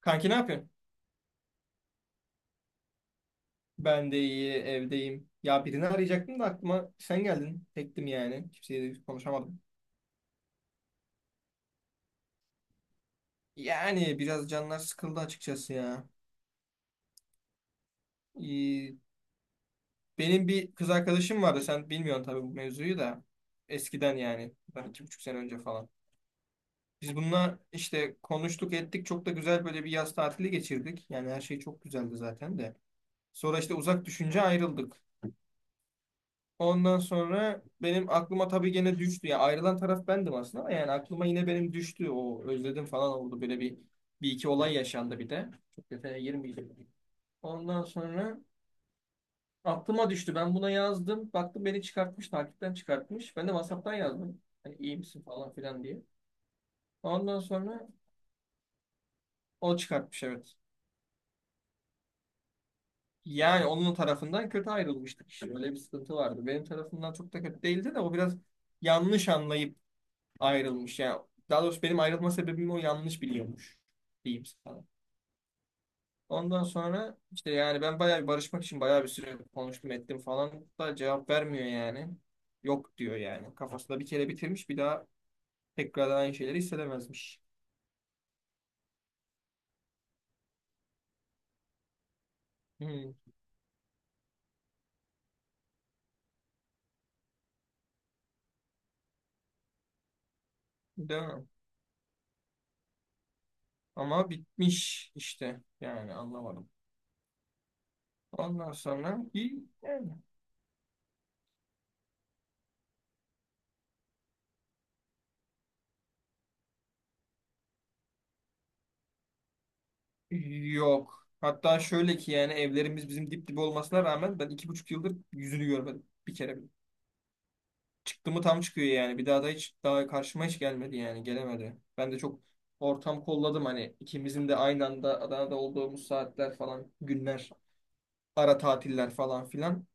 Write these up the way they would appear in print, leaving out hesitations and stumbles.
Kanki ne yapıyorsun? Ben de iyi, evdeyim. Ya birini arayacaktım da aklıma sen geldin. Tektim yani. Kimseyle de konuşamadım. Yani biraz canlar sıkıldı açıkçası ya. İyi. Benim bir kız arkadaşım vardı. Sen bilmiyorsun tabii bu mevzuyu da. Eskiden yani. Bundan iki buçuk sene önce falan. Biz bununla işte konuştuk ettik. Çok da güzel böyle bir yaz tatili geçirdik. Yani her şey çok güzeldi zaten de. Sonra işte uzak düşünce ayrıldık. Ondan sonra benim aklıma tabii gene düştü. Ya ayrılan taraf bendim aslında ama yani aklıma yine benim düştü. O özledim falan oldu. Böyle bir, bir iki olay yaşandı bir de. Çok detaya girmeyeceğim. Ondan sonra aklıma düştü. Ben buna yazdım. Baktım beni çıkartmış. Takipten çıkartmış. Ben de WhatsApp'tan yazdım. Hani iyi misin falan filan diye. Ondan sonra o çıkartmış, evet. Yani onun tarafından kötü ayrılmıştık işte. Öyle bir sıkıntı vardı. Benim tarafımdan çok da kötü değildi de o biraz yanlış anlayıp ayrılmış. Yani daha doğrusu benim ayrılma sebebimi o yanlış biliyormuş diyeyim sana. Ondan sonra işte yani ben bayağı bir barışmak için bayağı bir süre konuştum ettim falan da cevap vermiyor yani. Yok diyor yani. Kafasında bir kere bitirmiş, bir daha tekrardan aynı şeyleri hissedemezmiş. Hmm, değil mi? Ama bitmiş işte yani anlamadım. Ondan sonra bir yani yok. Hatta şöyle ki yani evlerimiz bizim dip dibe olmasına rağmen ben iki buçuk yıldır yüzünü görmedim bir kere bile. Çıktı mı tam çıkıyor yani. Bir daha da hiç daha karşıma hiç gelmedi yani. Gelemedi. Ben de çok ortam kolladım, hani ikimizin de aynı anda Adana'da olduğumuz saatler falan, günler, ara tatiller falan filan.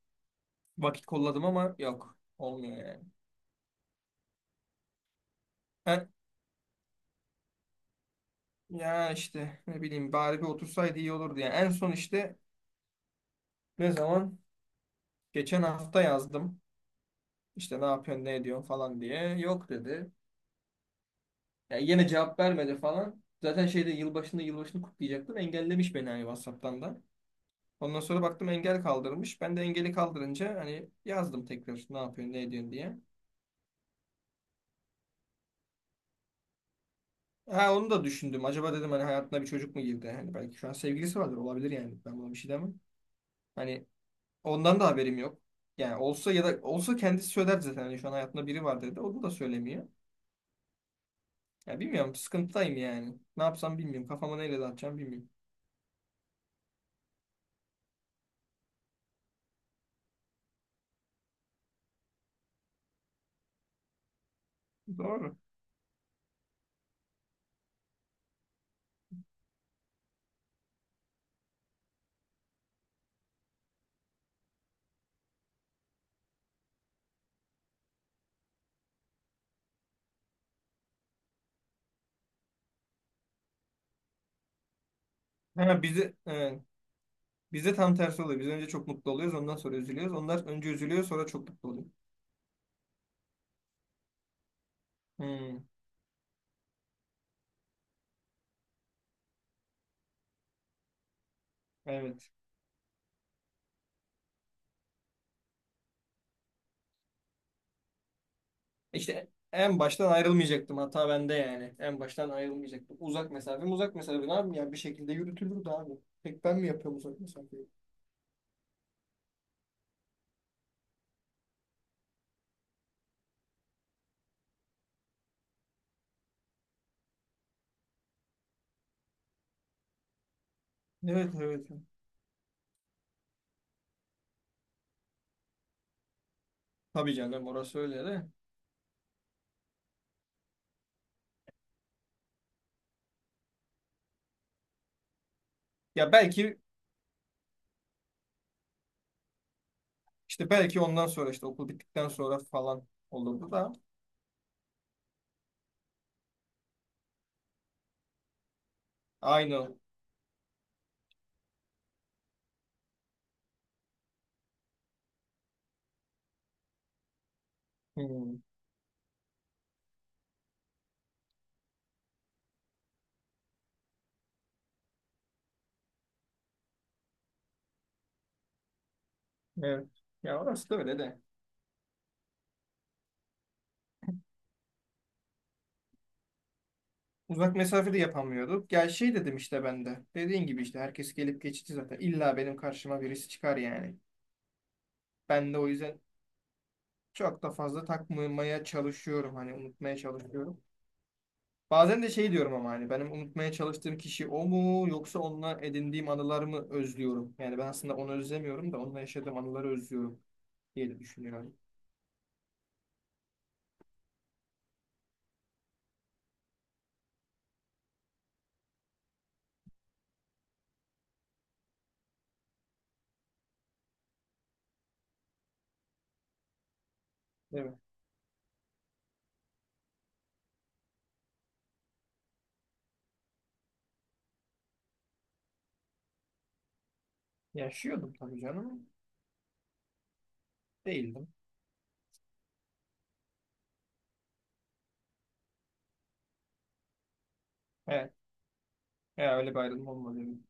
Vakit kolladım ama yok. Olmuyor yani. Ha, ya işte ne bileyim bari bir otursaydı iyi olurdu yani. En son işte ne zaman? Geçen hafta yazdım. İşte ne yapıyorsun, ne ediyorsun falan diye. Yok dedi. Yani yine cevap vermedi falan. Zaten şeyde, yılbaşında yılbaşını kutlayacaktım. Engellemiş beni hani WhatsApp'tan da. Ondan sonra baktım engel kaldırmış. Ben de engeli kaldırınca hani yazdım tekrar ne yapıyorsun ne ediyorsun diye. Ha, onu da düşündüm. Acaba dedim hani hayatına bir çocuk mu girdi? Hani belki şu an sevgilisi vardır, olabilir yani. Ben buna bir şey demem. Hani ondan da haberim yok. Yani olsa ya da olsa kendisi söyler zaten. Hani şu an hayatında biri var dedi. Onu da söylemiyor. Ya bilmiyorum, sıkıntıdayım yani. Ne yapsam bilmiyorum. Kafama neyle dağıtacağım bilmiyorum. Doğru. Ha, bize, evet. Bize tam tersi oluyor. Biz önce çok mutlu oluyoruz. Ondan sonra üzülüyoruz. Onlar önce üzülüyor, sonra çok mutlu oluyor. Hmm, evet. İşte en baştan ayrılmayacaktım, hata bende yani. En baştan ayrılmayacaktım. Uzak mesafe mi uzak mesafe, ne yapayım ya bir şekilde yürütülürdü abi. Pek ben mi yapıyorum uzak mesafeyi? Evet, evet. Tabii canım, orası öyle de. Ya belki işte belki ondan sonra işte okul bittikten sonra falan olurdu da. Aynı. Hmm, evet. Ya orası da öyle de. Uzak mesafede yapamıyorduk. Gel şey dedim işte ben de. Dediğin gibi işte herkes gelip geçici zaten. İlla benim karşıma birisi çıkar yani. Ben de o yüzden çok da fazla takmamaya çalışıyorum, hani unutmaya çalışıyorum. Bazen de şey diyorum ama, hani benim unutmaya çalıştığım kişi o mu yoksa onunla edindiğim anılar mı özlüyorum? Yani ben aslında onu özlemiyorum da onunla yaşadığım anıları özlüyorum diye de düşünüyorum. Değil mi? Yaşıyordum tabii canım. Değildim. Evet. Ya öyle bir ayrılma olmadı benim.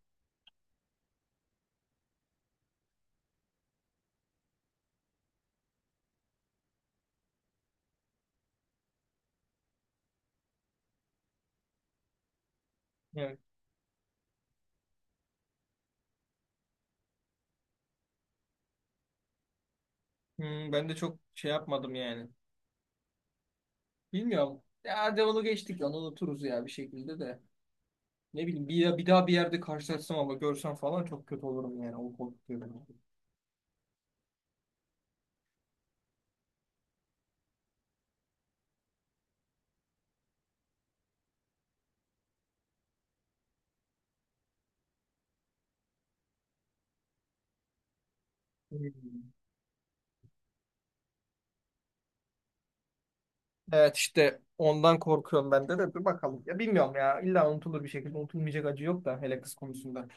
Evet. Hmm, ben de çok şey yapmadım yani. Bilmiyorum. Ya hadi onu geçtik, onu unuturuz ya bir şekilde de. Ne bileyim, bir daha bir yerde karşılaşsam ama görsem falan çok kötü olurum yani. O korkutuyor beni. Hmm. Evet, işte ondan korkuyorum ben de dur bakalım. Ya bilmiyorum ya, illa unutulur bir şekilde, unutulmayacak acı yok da hele kız konusunda.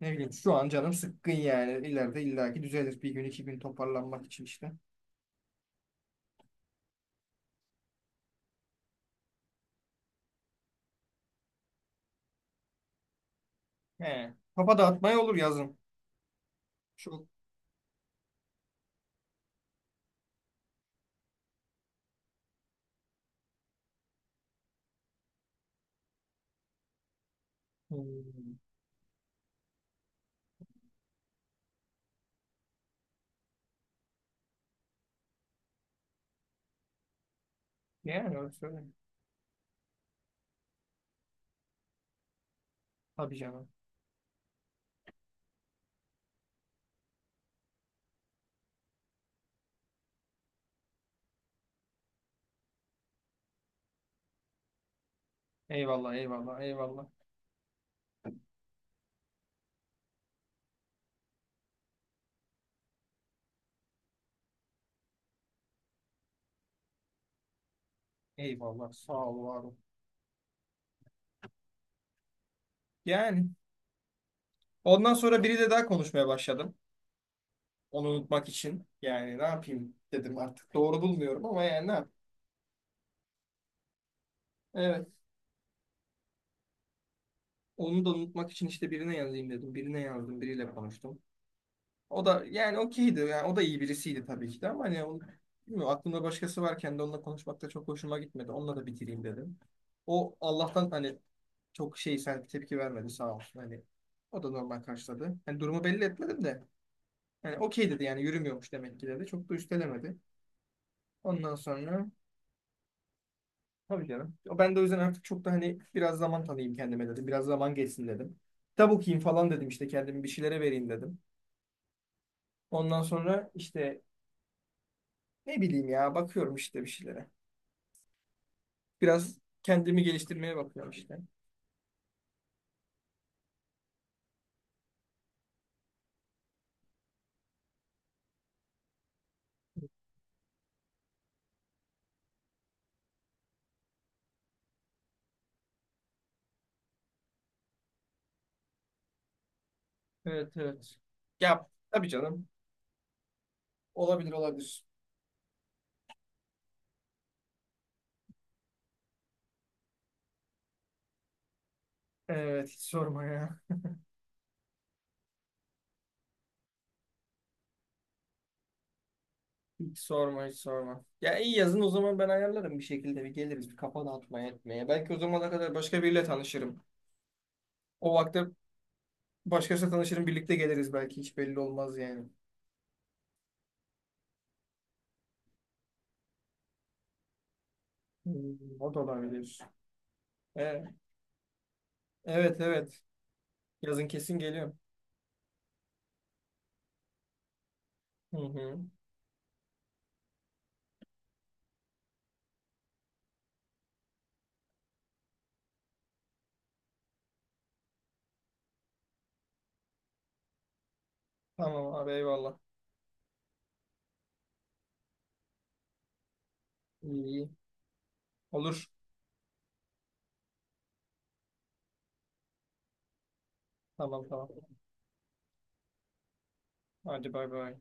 Ne bileyim şu an canım sıkkın yani, ileride illaki düzelir bir gün iki gün toparlanmak için işte. He. Kafa dağıtmaya olur yazın. Şu Hmm. Yani öyle söyle. Tabii canım. Eyvallah, eyvallah, eyvallah. Eyvallah, sağ ol var ol. Yani ondan sonra biri de daha konuşmaya başladım. Onu unutmak için. Yani ne yapayım dedim artık. Doğru bulmuyorum ama yani ne yapayım. Evet. Onu da unutmak için işte birine yazayım dedim. Birine yazdım, biriyle konuştum. O da yani okeydi. Yani o da iyi birisiydi tabii ki de, ama hani onu, bilmiyorum, aklımda başkası varken de onunla konuşmak da çok hoşuma gitmedi. Onunla da bitireyim dedim. O Allah'tan hani çok şey, sen tepki vermedi, sağ olsun. Hani o da normal karşıladı. Hani durumu belli etmedim de. Yani okey dedi, yani yürümüyormuş demek ki dedi. Çok da üstelemedi. Ondan sonra tabii canım. Ben de o yüzden artık çok da hani biraz zaman tanıyayım kendime dedim. Biraz zaman geçsin dedim. Kitap okuyayım falan dedim, işte kendimi bir şeylere vereyim dedim. Ondan sonra işte ne bileyim ya, bakıyorum işte bir şeylere. Biraz kendimi geliştirmeye bakıyorum işte. Evet, evet. Ya tabii canım. Olabilir, olabilir. Evet, hiç sorma ya. Hiç sorma, hiç sorma. Ya iyi, yazın o zaman ben ayarlarım bir şekilde, bir geliriz bir kafa dağıtmaya etmeye. Belki o zamana kadar başka biriyle tanışırım. O vakte başkasıyla tanışırım, birlikte geliriz, belki hiç belli olmaz yani. Hmm, o da olabilir. E, evet, evet yazın kesin geliyorum. Hı hı. Tamam abi, eyvallah. İyi, iyi. Olur. Tamam, tamam. Hadi bay bay.